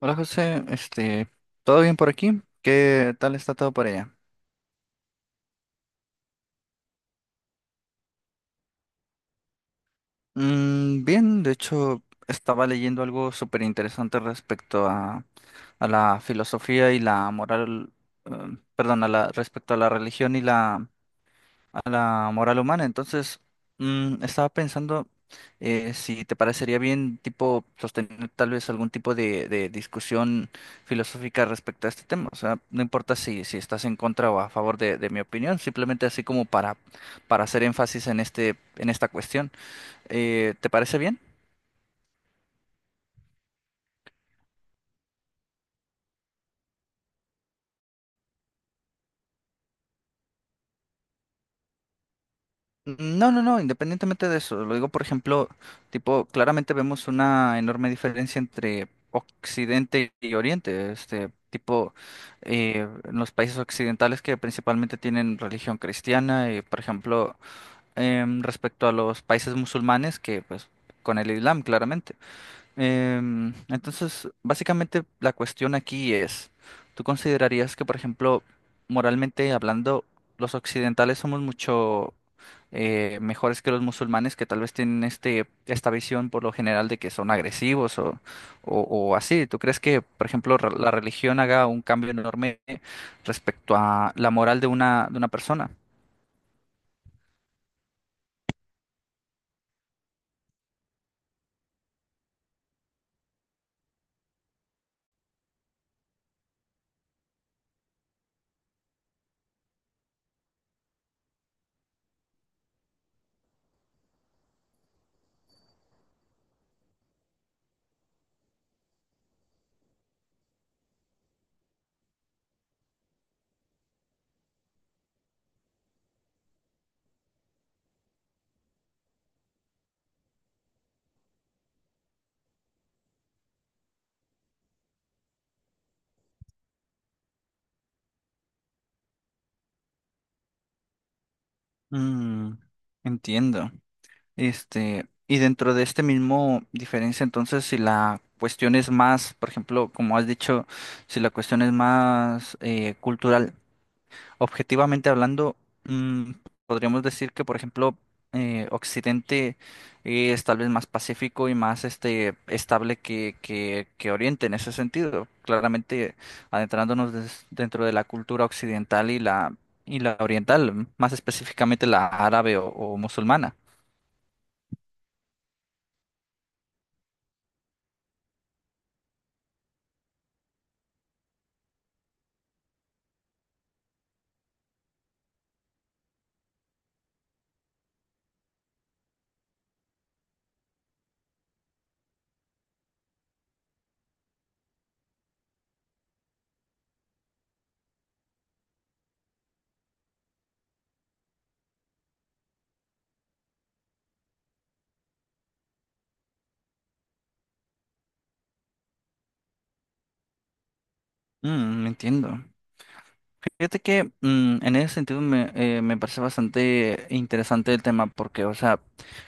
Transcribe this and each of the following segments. Hola José, ¿todo bien por aquí? ¿Qué tal está todo por allá? Bien, de hecho estaba leyendo algo súper interesante respecto a la filosofía y la moral, eh, perdón, respecto a la religión y la moral humana. Entonces, estaba pensando, si te parecería bien, tipo, sostener tal vez algún tipo de discusión filosófica respecto a este tema. O sea, no importa si estás en contra o a favor de mi opinión, simplemente así como para hacer énfasis en esta cuestión. ¿Te parece bien? No, no, no, independientemente de eso, lo digo por ejemplo, tipo, claramente vemos una enorme diferencia entre Occidente y Oriente, este tipo, en los países occidentales que principalmente tienen religión cristiana y por ejemplo, respecto a los países musulmanes que pues con el Islam, claramente. Entonces, básicamente la cuestión aquí es, ¿tú considerarías que, por ejemplo, moralmente hablando, los occidentales somos mucho mejores que los musulmanes que tal vez tienen esta visión por lo general de que son agresivos o así? ¿Tú crees que, por ejemplo, la religión haga un cambio enorme respecto a la moral de una persona? Mm, entiendo. Y dentro de este mismo diferencia, entonces, si la cuestión es más, por ejemplo, como has dicho, si la cuestión es más cultural, objetivamente hablando, mm, podríamos decir que, por ejemplo, Occidente es tal vez más pacífico y más estable que Oriente en ese sentido. Claramente adentrándonos dentro de la cultura occidental y la oriental, más específicamente la árabe o musulmana. Mm, entiendo. Fíjate que en ese sentido me parece bastante interesante el tema porque, o sea,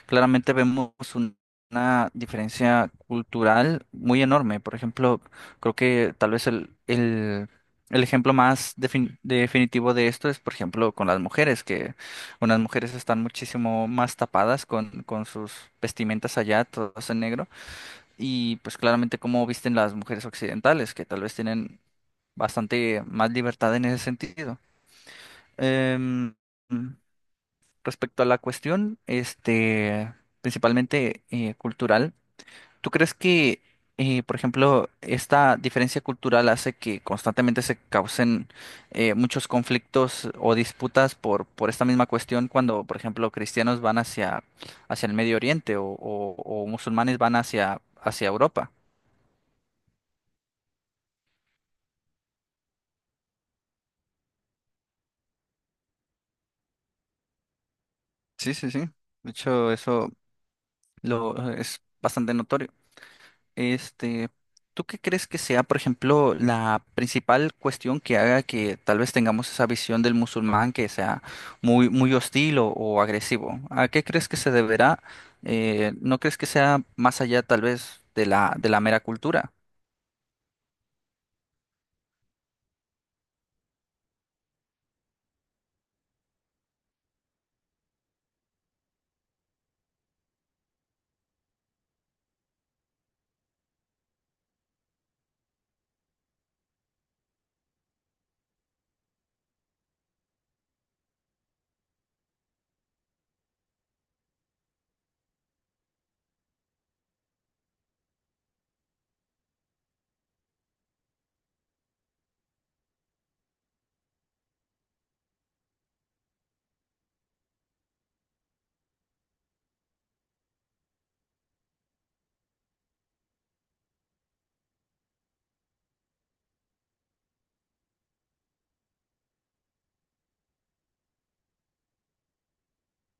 claramente vemos una diferencia cultural muy enorme. Por ejemplo, creo que tal vez el ejemplo definitivo de esto es, por ejemplo, con las mujeres, que unas mujeres están muchísimo más tapadas con sus vestimentas allá, todas en negro y pues claramente cómo visten las mujeres occidentales, que tal vez tienen bastante más libertad en ese sentido. Em, Respecto a la cuestión, principalmente cultural, ¿tú crees que, por ejemplo, esta diferencia cultural hace que constantemente se causen muchos conflictos o disputas por esta misma cuestión cuando, por ejemplo, cristianos van hacia el Medio Oriente o musulmanes van hacia Europa? Sí, sí, sí. De hecho, eso lo es bastante notorio. Este, ¿Tú qué crees que sea, por ejemplo, la principal cuestión que haga que tal vez tengamos esa visión del musulmán que sea muy, muy hostil o agresivo? ¿A qué crees que se deberá? ¿No crees que sea más allá tal vez de la mera cultura?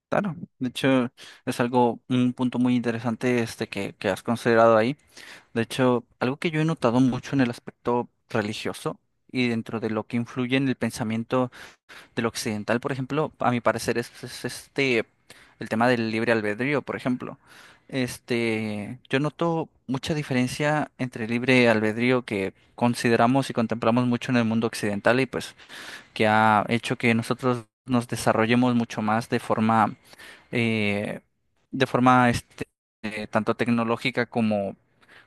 Claro, de hecho es algo, un punto muy interesante este que has considerado ahí. De hecho, algo que yo he notado mucho en el aspecto religioso y dentro de lo que influye en el pensamiento del occidental, por ejemplo, a mi parecer es este el tema del libre albedrío, por ejemplo. Yo noto mucha diferencia entre el libre albedrío que consideramos y contemplamos mucho en el mundo occidental y pues que ha hecho que nosotros nos desarrollemos mucho más de forma, eh, de forma, tanto tecnológica como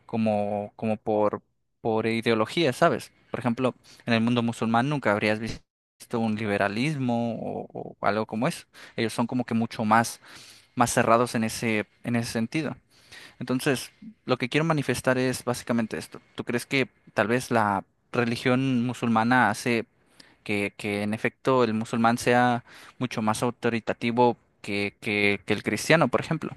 como, como por ideología, ¿sabes? Por ejemplo, en el mundo musulmán nunca habrías visto un liberalismo o algo como eso. Ellos son como que mucho más cerrados en ese sentido. Entonces, lo que quiero manifestar es básicamente esto. ¿Tú crees que tal vez la religión musulmana hace que en efecto el musulmán sea mucho más autoritativo que el cristiano, por ejemplo?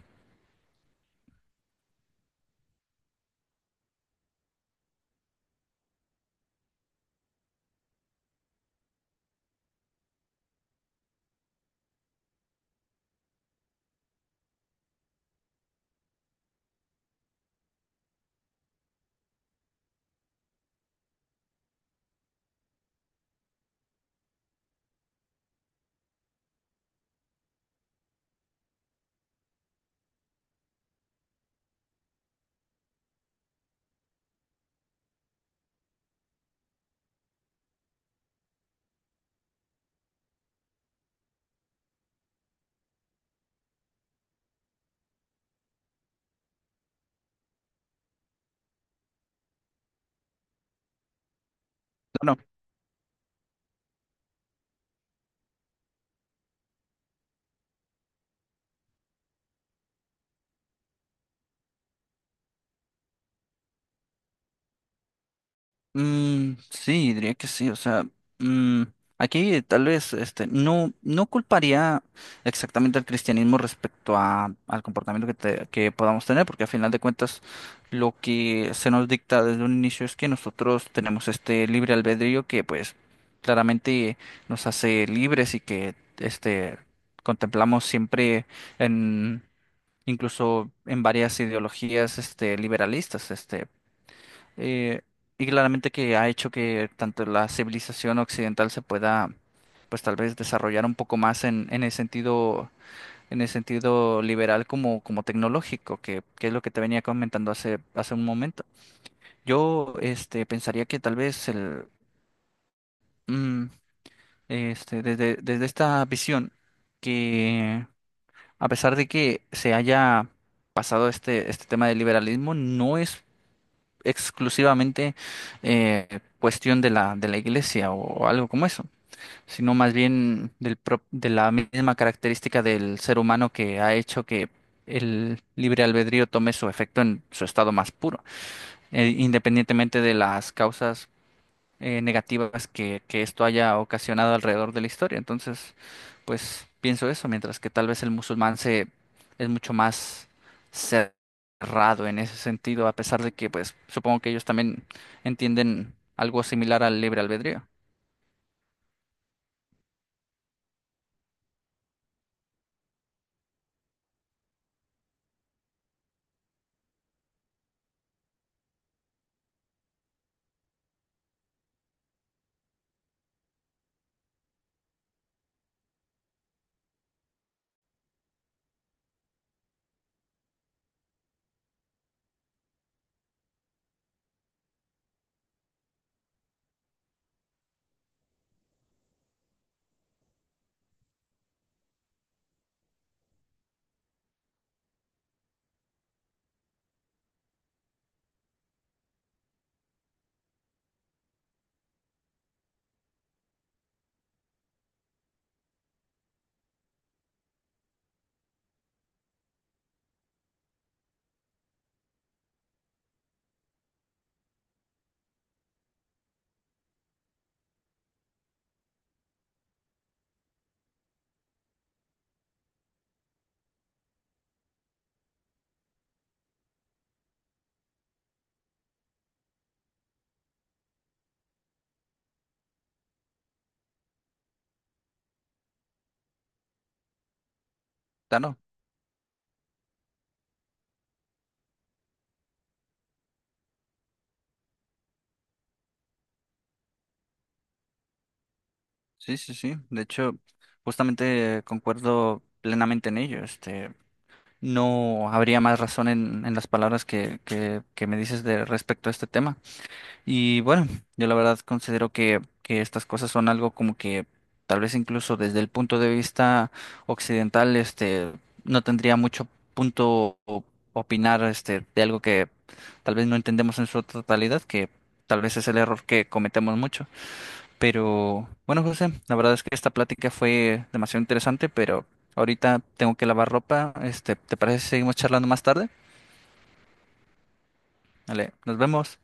Mm, sí, diría que sí. O sea, mm, aquí tal vez no, no culparía exactamente al cristianismo respecto al comportamiento que, que podamos tener, porque a final de cuentas lo que se nos dicta desde un inicio es que nosotros tenemos este libre albedrío que pues claramente nos hace libres y que contemplamos siempre en... Incluso en varias ideologías liberalistas. Eh, y claramente que ha hecho que tanto la civilización occidental se pueda, pues tal vez desarrollar un poco más en el sentido liberal como tecnológico, que es lo que te venía comentando hace un momento. Yo, pensaría que tal vez el, mm, este, desde, desde esta visión, que a pesar de que se haya pasado este tema del liberalismo, no es exclusivamente eh, cuestión de de la iglesia o algo como eso, sino más bien de la misma característica del ser humano que ha hecho que el libre albedrío tome su efecto en su estado más puro, independientemente de las causas negativas que esto haya ocasionado alrededor de la historia. Entonces, pues pienso eso, mientras que tal vez el musulmán se es mucho más cerrado en ese sentido, a pesar de que, pues, supongo que ellos también entienden algo similar al libre albedrío. Claro, sí, sí, sí. De hecho, justamente concuerdo plenamente en ello. No habría más razón en las palabras que me dices de respecto a este tema. Y bueno, yo la verdad considero que estas cosas son algo como que tal vez incluso desde el punto de vista occidental, no tendría mucho punto opinar, de algo que tal vez no entendemos en su totalidad, que tal vez es el error que cometemos mucho. Pero bueno, José, la verdad es que esta plática fue demasiado interesante, pero ahorita tengo que lavar ropa. ¿Te parece si seguimos charlando más tarde? Vale, nos vemos.